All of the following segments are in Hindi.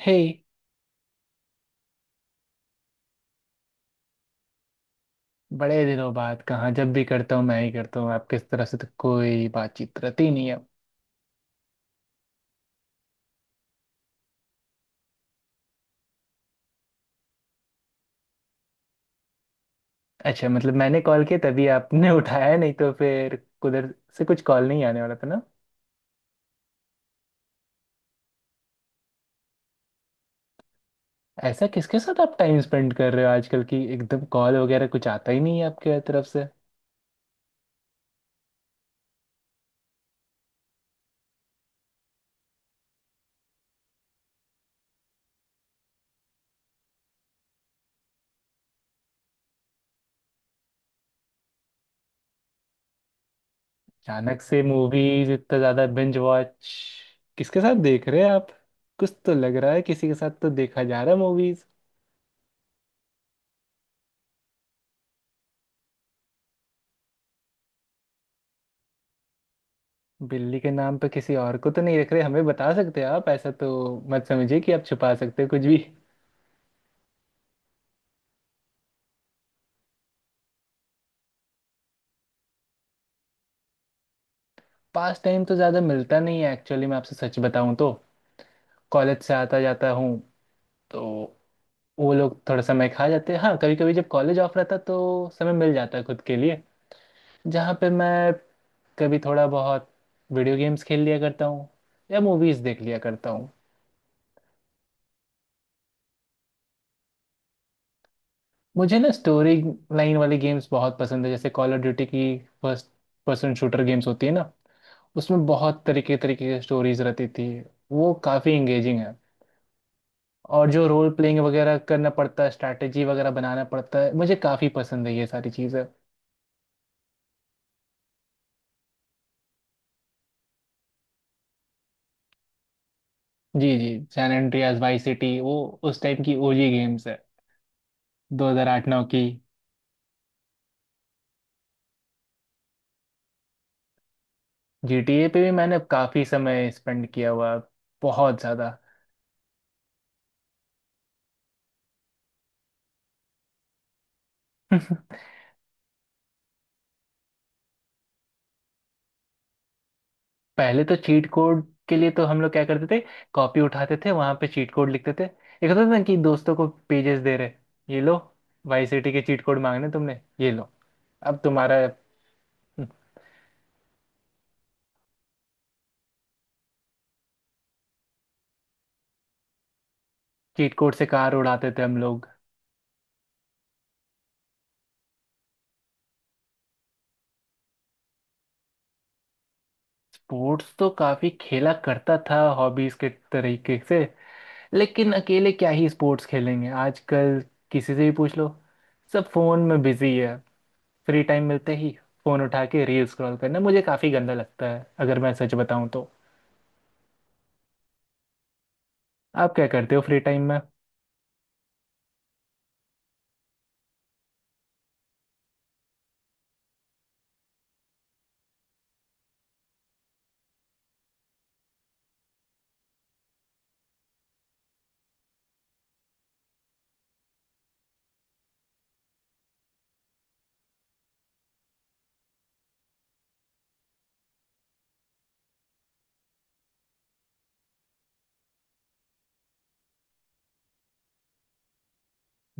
हे। बड़े दिनों बाद कहाँ, जब भी करता हूँ मैं ही करता हूँ, आपके इस तरह से तो कोई बातचीत रहती नहीं है। अच्छा मतलब मैंने कॉल किया तभी आपने उठाया, नहीं तो फिर उधर से कुछ कॉल नहीं आने वाला था ना। ऐसा किसके साथ आप टाइम स्पेंड कर रहे हो आजकल की एकदम कॉल वगैरह कुछ आता ही नहीं है आपके तरफ से। अचानक से मूवीज इतना ज्यादा बिंज वॉच किसके साथ देख रहे हैं आप? कुछ तो लग रहा है, किसी के साथ तो देखा जा रहा है मूवीज। बिल्ली के नाम पे किसी और को तो नहीं रख रहे, हमें बता सकते हैं आप। ऐसा तो मत समझिए कि आप छुपा सकते हैं कुछ भी। पास टाइम तो ज़्यादा मिलता नहीं है एक्चुअली, मैं आपसे सच बताऊं तो। कॉलेज से आता जाता हूँ तो वो लोग थोड़ा समय खा जाते हैं। हाँ कभी कभी जब कॉलेज ऑफ रहता तो समय मिल जाता है खुद के लिए, जहाँ पे मैं कभी थोड़ा बहुत वीडियो गेम्स खेल लिया करता हूँ या मूवीज़ देख लिया करता हूँ। मुझे ना स्टोरी लाइन वाली गेम्स बहुत पसंद है, जैसे कॉल ऑफ ड्यूटी की। फर्स्ट पर्सन शूटर गेम्स होती है ना, उसमें बहुत तरीके तरीके की स्टोरीज रहती थी। वो काफ़ी एंगेजिंग है। और जो रोल प्लेइंग वगैरह करना पड़ता है, स्ट्रैटेजी वगैरह बनाना पड़ता है, मुझे काफ़ी पसंद है ये सारी चीज़ें। जी जी। सैन एंड्रियास, वाई सिटी, वो उस टाइम की ओजी गेम्स है। 2008-9 की। जीटीए पे भी मैंने काफ़ी समय स्पेंड किया हुआ है। बहुत ज़्यादा। पहले तो चीट कोड के लिए तो हम लोग क्या करते थे, कॉपी उठाते थे, वहां पे चीट कोड लिखते थे। एक होता था ना कि दोस्तों को पेजेस दे रहे, ये लो वाई सिटी के चीट कोड मांगने तुमने, ये लो अब तुम्हारा। चीट कोड से कार उड़ाते थे हम लोग। स्पोर्ट्स तो काफी खेला करता था हॉबीज के तरीके से, लेकिन अकेले क्या ही स्पोर्ट्स खेलेंगे आजकल। किसी से भी पूछ लो, सब फोन में बिजी है। फ्री टाइम मिलते ही फोन उठा के रील स्क्रॉल करना मुझे काफी गंदा लगता है, अगर मैं सच बताऊं तो। आप क्या करते हो फ्री टाइम में?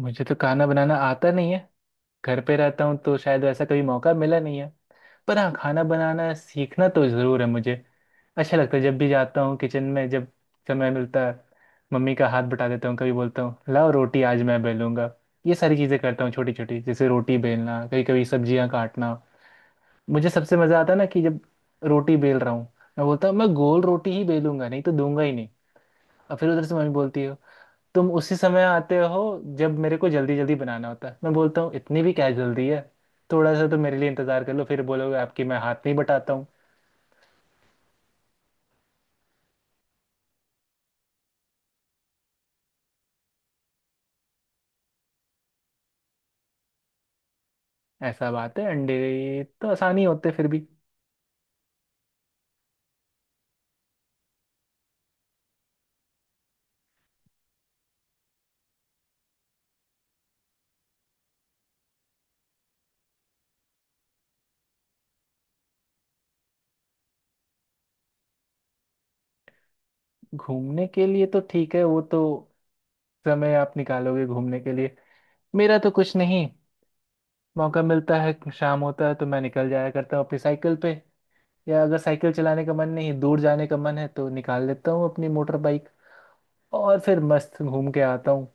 मुझे तो खाना बनाना आता नहीं है। घर पे रहता हूँ तो शायद वैसा कभी मौका मिला नहीं है। पर हाँ, खाना बनाना सीखना तो ज़रूर है मुझे। अच्छा लगता है जब भी जाता हूँ किचन में, जब समय मिलता है मम्मी का हाथ बटा देता हूँ, कभी बोलता हूँ लाओ रोटी आज मैं बेलूंगा। ये सारी चीज़ें करता हूँ छोटी छोटी, जैसे रोटी बेलना, कभी कभी सब्जियाँ काटना। मुझे सबसे मज़ा आता है ना कि जब रोटी बेल रहा हूँ, मैं बोलता हूँ मैं गोल रोटी ही बेलूंगा नहीं तो दूंगा ही नहीं। और फिर उधर से मम्मी बोलती है तुम उसी समय आते हो जब मेरे को जल्दी जल्दी बनाना होता है। मैं बोलता हूँ इतनी भी क्या जल्दी है, थोड़ा सा तो मेरे लिए इंतजार कर लो, फिर बोलोगे आपकी मैं हाथ नहीं बटाता हूँ। ऐसा बात है, अंडे तो आसानी होते फिर भी। घूमने के लिए तो ठीक है, वो तो समय आप निकालोगे घूमने के लिए। मेरा तो कुछ नहीं, मौका मिलता है, शाम होता है तो मैं निकल जाया करता हूँ अपनी साइकिल पे, या अगर साइकिल चलाने का मन नहीं, दूर जाने का मन है तो निकाल लेता हूँ अपनी मोटर बाइक, और फिर मस्त घूम के आता हूँ।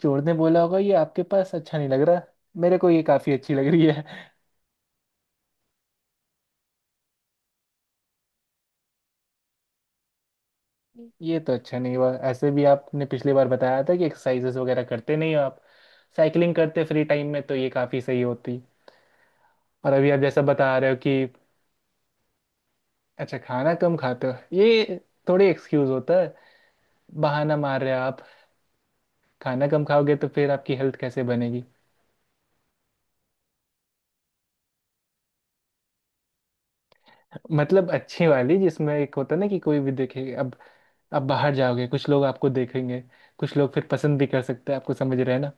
चोर ने बोला होगा ये आपके पास अच्छा नहीं लग रहा, मेरे को ये काफ़ी अच्छी लग रही है। ये तो अच्छा नहीं हुआ, ऐसे भी आपने पिछली बार बताया था कि एक्सरसाइजेस वगैरह करते नहीं हो आप, साइकिलिंग करते फ्री टाइम में तो ये काफ़ी सही होती। और अभी आप जैसा बता रहे हो कि अच्छा खाना कम खाते हो, ये थोड़ी एक्सक्यूज़ होता है, बहाना मार रहे हो आप। खाना कम खाओगे तो फिर आपकी हेल्थ कैसे बनेगी। मतलब अच्छी वाली जिसमें एक होता है ना कि कोई भी देखे, अब आप बाहर जाओगे कुछ लोग आपको देखेंगे, कुछ लोग फिर पसंद भी कर सकते हैं आपको, समझ रहे हैं ना।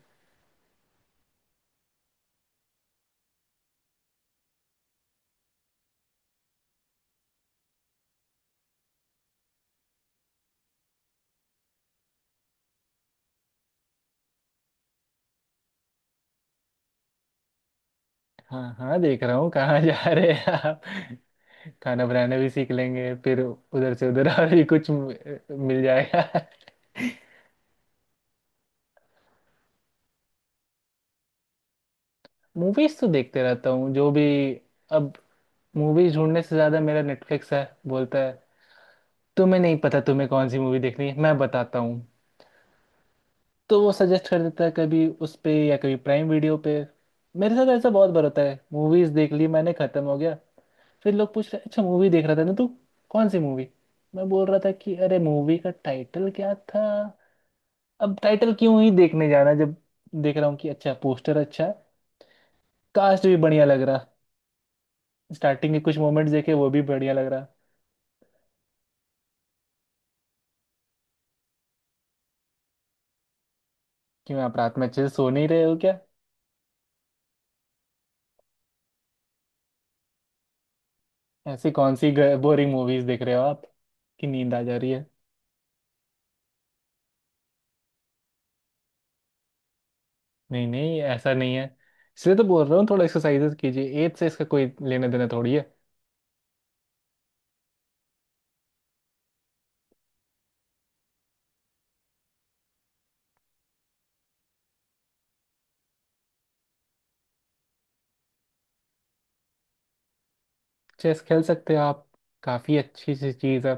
हाँ हाँ, देख रहा हूँ कहाँ जा रहे हैं आप, खाना बनाना भी सीख लेंगे फिर उधर से उधर और भी कुछ मिल जाएगा। मूवीज तो देखते रहता हूँ जो भी। अब मूवीज ढूंढने से ज्यादा मेरा नेटफ्लिक्स है, बोलता है तुम्हें नहीं पता तुम्हें कौन सी मूवी देखनी है, मैं बताता हूँ। तो वो सजेस्ट कर देता है कभी उस पे या कभी प्राइम वीडियो पे। मेरे साथ ऐसा बहुत बार होता है मूवीज देख ली मैंने, खत्म हो गया, फिर लोग पूछ रहे अच्छा मूवी देख रहा था ना तू, कौन सी मूवी? मैं बोल रहा था कि अरे मूवी का टाइटल क्या था। अब टाइटल क्यों ही देखने जाना जब देख रहा हूँ कि अच्छा पोस्टर अच्छा है, कास्ट भी बढ़िया लग रहा, स्टार्टिंग के कुछ मोमेंट्स देखे वो भी बढ़िया लग रहा। क्यों आप रात में अच्छे से सो नहीं रहे हो क्या? ऐसी कौन सी बोरिंग मूवीज देख रहे हो आप कि नींद आ जा रही है? नहीं नहीं, ऐसा नहीं है, इसलिए तो बोल रहा हूँ थोड़ा एक्सरसाइजेस कीजिए, एज से इसका कोई लेना देना थोड़ी है। चेस खेल सकते हैं आप, काफ़ी अच्छी सी चीज़ है।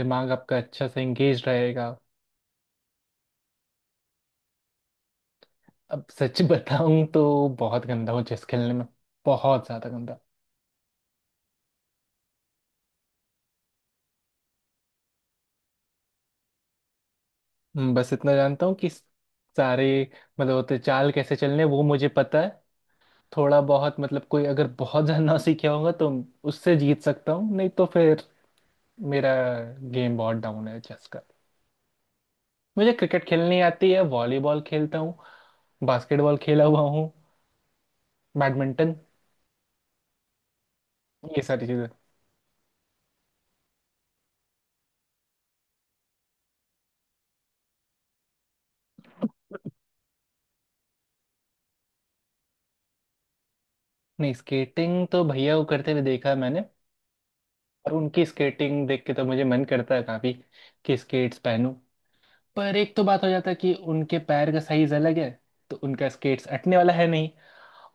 दिमाग आपका अच्छा से एंगेज रहेगा। अब सच बताऊँ तो बहुत गंदा हूँ चेस खेलने में, बहुत ज़्यादा गंदा। बस इतना जानता हूँ कि सारे मतलब होते चाल कैसे चलने हैं, वो मुझे पता है। थोड़ा बहुत मतलब कोई अगर बहुत ज़्यादा ना सीखा होगा तो उससे जीत सकता हूँ, नहीं तो फिर मेरा गेम बहुत डाउन है चेस। मुझे क्रिकेट खेलनी आती है, वॉलीबॉल खेलता हूँ, बास्केटबॉल खेला हुआ हूँ, बैडमिंटन, ये सारी चीज़ें। नहीं, स्केटिंग तो भैया को करते हुए देखा है मैंने, और उनकी स्केटिंग देख के तो मुझे मन करता है काफ़ी कि स्केट्स पहनूं। पर एक तो बात हो जाता है कि उनके पैर का साइज अलग है तो उनका स्केट्स अटने वाला है नहीं,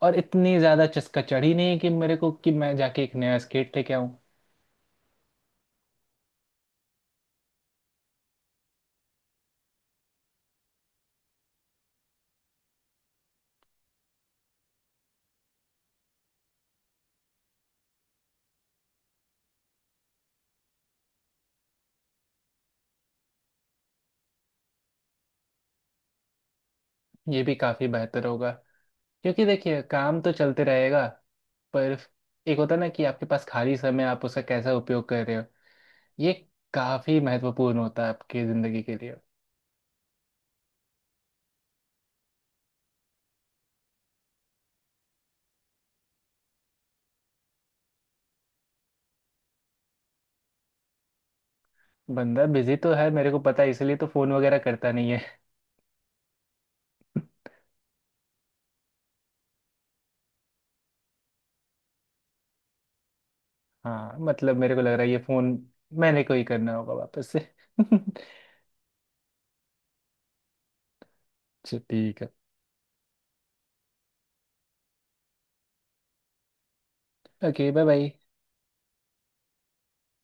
और इतनी ज़्यादा चस्का चढ़ी नहीं है कि मेरे को कि मैं जाके एक नया स्केट लेके आऊं। ये भी काफ़ी बेहतर होगा, क्योंकि देखिए काम तो चलते रहेगा, पर एक होता है ना कि आपके पास खाली समय आप उसका कैसा उपयोग कर रहे हो, ये काफी महत्वपूर्ण होता है आपकी जिंदगी के लिए। बंदा बिजी तो है, मेरे को पता है, इसलिए तो फोन वगैरह करता नहीं है। हाँ मतलब मेरे को लग रहा है ये फोन मैंने को ही करना होगा वापस से। अच्छा, ठीक है। Okay, bye bye.